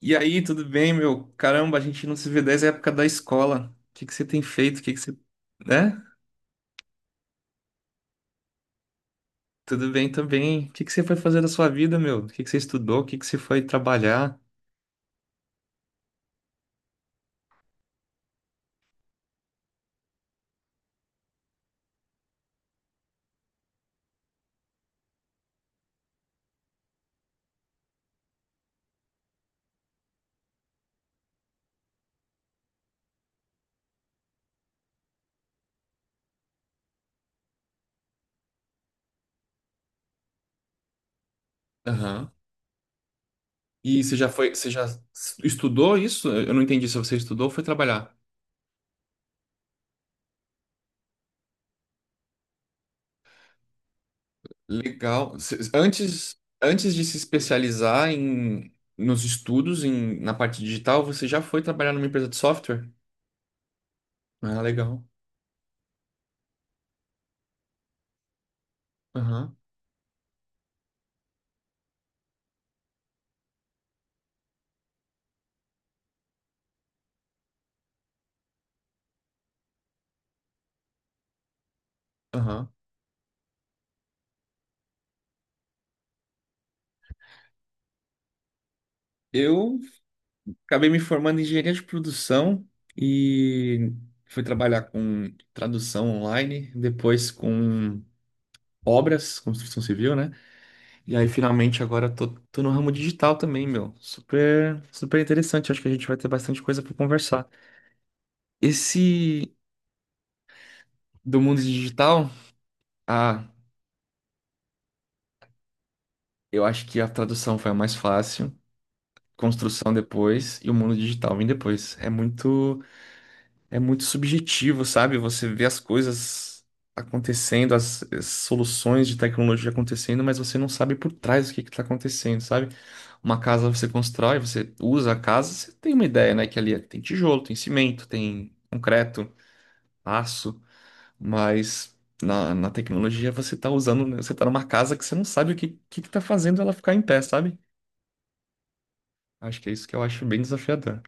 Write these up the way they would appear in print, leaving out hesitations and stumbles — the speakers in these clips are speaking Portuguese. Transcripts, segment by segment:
E aí, tudo bem, meu? Caramba, a gente não se vê desde a época da escola. O que que você tem feito? O que que você... Né? Tudo bem também. O que que você foi fazer da sua vida, meu? O que que você estudou? O que que você foi trabalhar? Aham. E você já foi, você já estudou isso? Eu não entendi se você estudou ou foi trabalhar. Legal. Antes, antes de se especializar nos estudos, em, na parte digital, você já foi trabalhar numa empresa de software? Ah, legal. Aham, aham. Eu acabei me formando em engenharia de produção e fui trabalhar com tradução online, depois com obras, construção civil, né? E aí finalmente agora tô no ramo digital também, meu. Super, super interessante. Acho que a gente vai ter bastante coisa para conversar. Esse do mundo digital, ah, eu acho que a tradução foi a mais fácil, construção depois e o mundo digital vem depois. É muito subjetivo, sabe? Você vê as coisas acontecendo, as soluções de tecnologia acontecendo, mas você não sabe por trás o que está acontecendo, sabe? Uma casa você constrói, você usa a casa, você tem uma ideia, né? Que ali é, tem tijolo, tem cimento, tem concreto, aço, mas na tecnologia você tá usando, né, você tá numa casa que você não sabe o que, que tá fazendo ela ficar em pé, sabe? Acho que é isso que eu acho bem desafiador.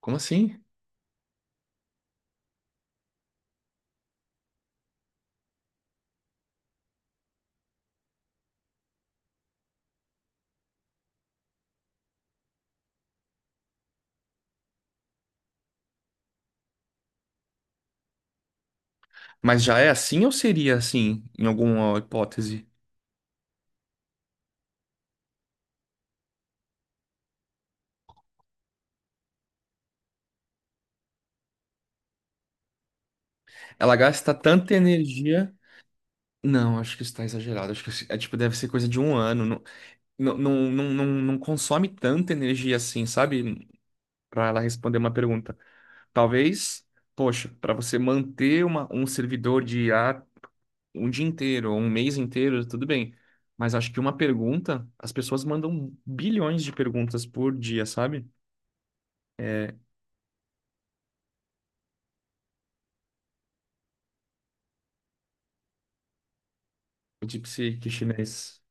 Como assim? Mas já é assim ou seria assim, em alguma hipótese? Ela gasta tanta energia. Não, acho que isso tá exagerado. Acho que é tipo, deve ser coisa de um ano. Não, não, não, não, não não consome tanta energia assim, sabe? Pra ela responder uma pergunta. Talvez, poxa, pra você manter um servidor de ar um dia inteiro, ou um mês inteiro, tudo bem. Mas acho que uma pergunta, as pessoas mandam bilhões de perguntas por dia, sabe? É, o DeepSeek chinês.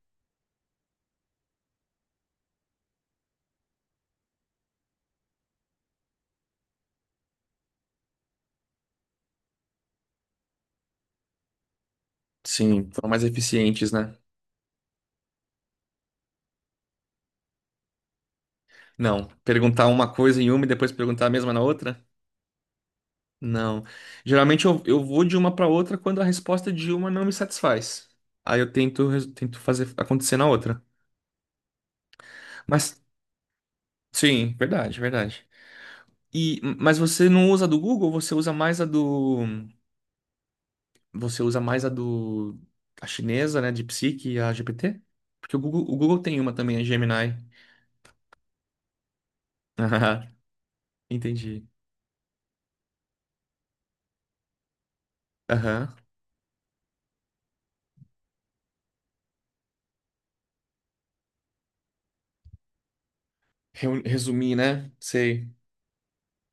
Sim, foram mais eficientes, né? Não, perguntar uma coisa em uma e depois perguntar a mesma na outra? Não. Geralmente eu vou de uma para outra quando a resposta de uma não me satisfaz. Aí eu tento, tento fazer acontecer na outra. Mas, sim, verdade, verdade. E, mas você não usa a do Google, você usa mais a do. Você usa mais a do. A chinesa, né? De Psique e a GPT? Porque o Google tem uma também, a Gemini. Ah, entendi. Aham. Resumir, né? Sei.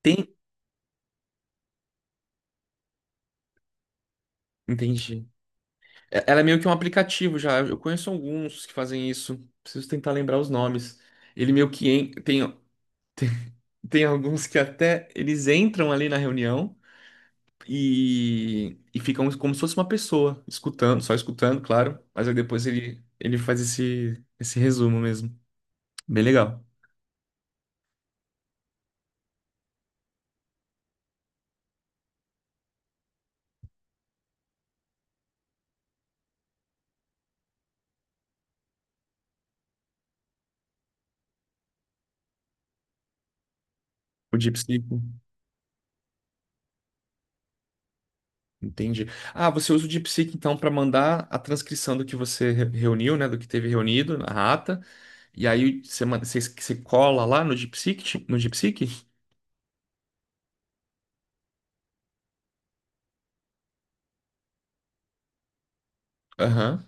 Tem. Entendi. Ela é meio que um aplicativo já. Eu conheço alguns que fazem isso. Preciso tentar lembrar os nomes. Ele meio que tem, tem alguns que até eles entram ali na reunião e ficam como se fosse uma pessoa, escutando, só escutando, claro. Mas aí depois ele faz esse resumo mesmo. Bem legal. O DeepSeek, entendi. Ah, você usa o DeepSeek então para mandar a transcrição do que você reuniu, né? Do que teve reunido na ata. E aí você, você, você cola lá no DeepSeek, no DeepSeek? Aham,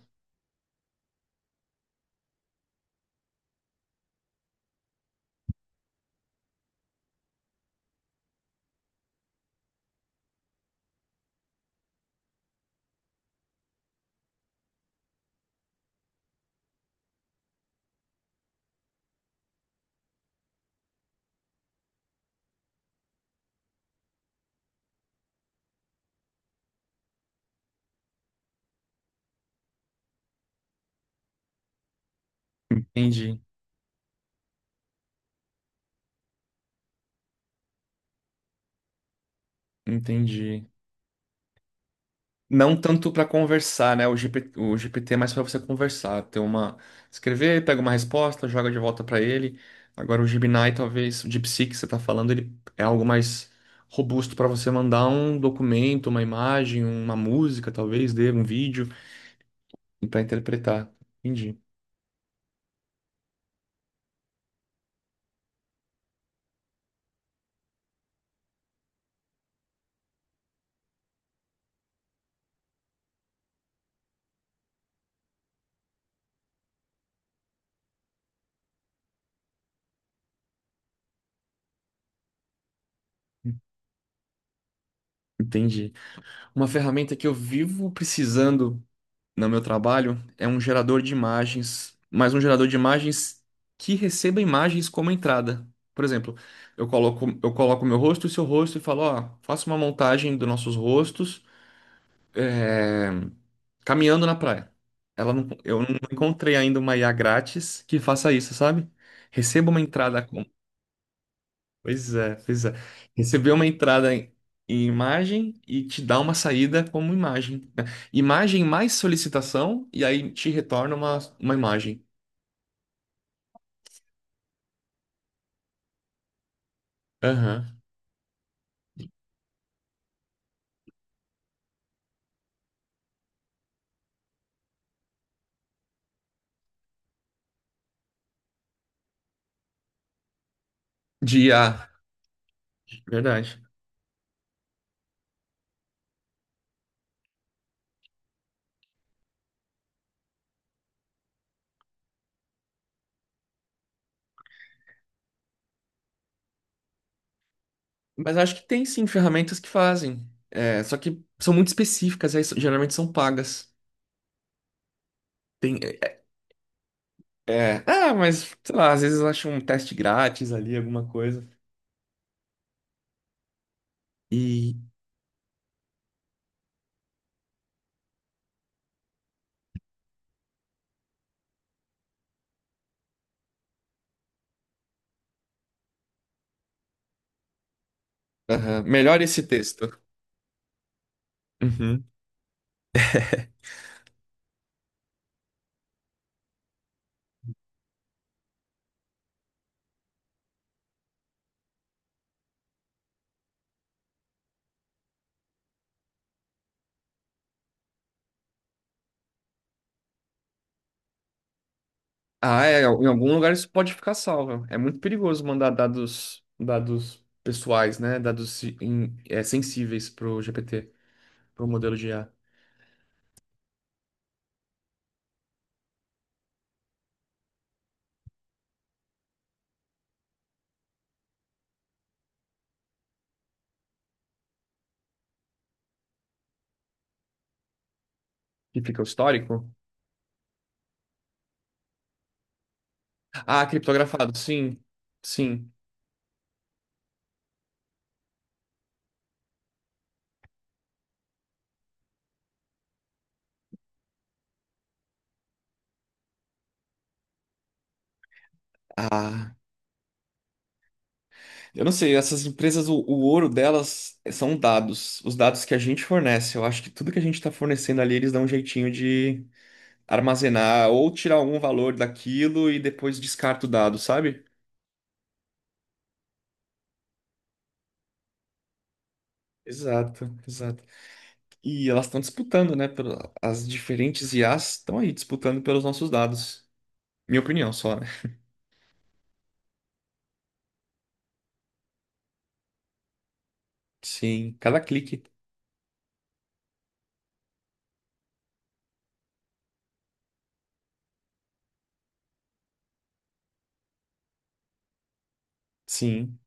entendi, entendi. Não tanto para conversar, né? O GPT é mais para você conversar, ter uma, escrever, pega uma resposta, joga de volta para ele. Agora o Gemini, talvez, o DeepSeek que você está falando, ele é algo mais robusto para você mandar um documento, uma imagem, uma música, talvez, dê um vídeo e para interpretar. Entendi, entendi. Uma ferramenta que eu vivo precisando no meu trabalho é um gerador de imagens, mas um gerador de imagens que receba imagens como entrada. Por exemplo, eu coloco meu rosto e seu rosto e falo, ó, faça uma montagem dos nossos rostos é, caminhando na praia. Ela não, eu não encontrei ainda uma IA grátis que faça isso, sabe? Receba uma entrada, pois é, pois é. Receber uma entrada em, em imagem e te dá uma saída como imagem, né? Imagem mais solicitação e aí te retorna uma imagem. Aham. De IA, verdade. Mas acho que tem sim ferramentas que fazem. É, só que são muito específicas, aí geralmente são pagas. Tem, é, é, ah, mas sei lá, às vezes eu acho um teste grátis ali, alguma coisa. E aham, melhora esse texto. Uhum. Ah, é, em algum lugar isso pode ficar salvo. É muito perigoso mandar dados, dados pessoais, né? Dados é, sensíveis para o GPT, para o modelo de IA. Que fica o histórico? Ah, criptografado, sim. Sim. Ah, eu não sei, essas empresas, o ouro delas são dados, os dados que a gente fornece. Eu acho que tudo que a gente está fornecendo ali, eles dão um jeitinho de armazenar ou tirar algum valor daquilo e depois descarta o dado, sabe? Exato, exato. E elas estão disputando, né? As diferentes IAs estão aí disputando pelos nossos dados. Minha opinião só, né? Sim, cada clique. Sim,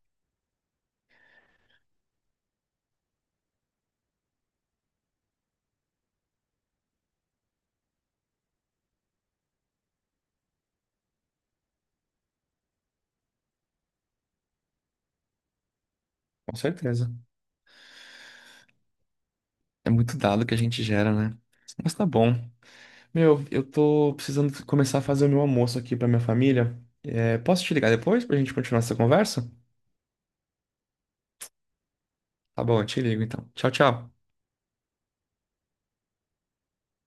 com certeza. É muito dado que a gente gera, né? Mas tá bom. Meu, eu tô precisando começar a fazer o meu almoço aqui pra minha família. É, posso te ligar depois pra gente continuar essa conversa? Tá bom, eu te ligo então. Tchau, tchau.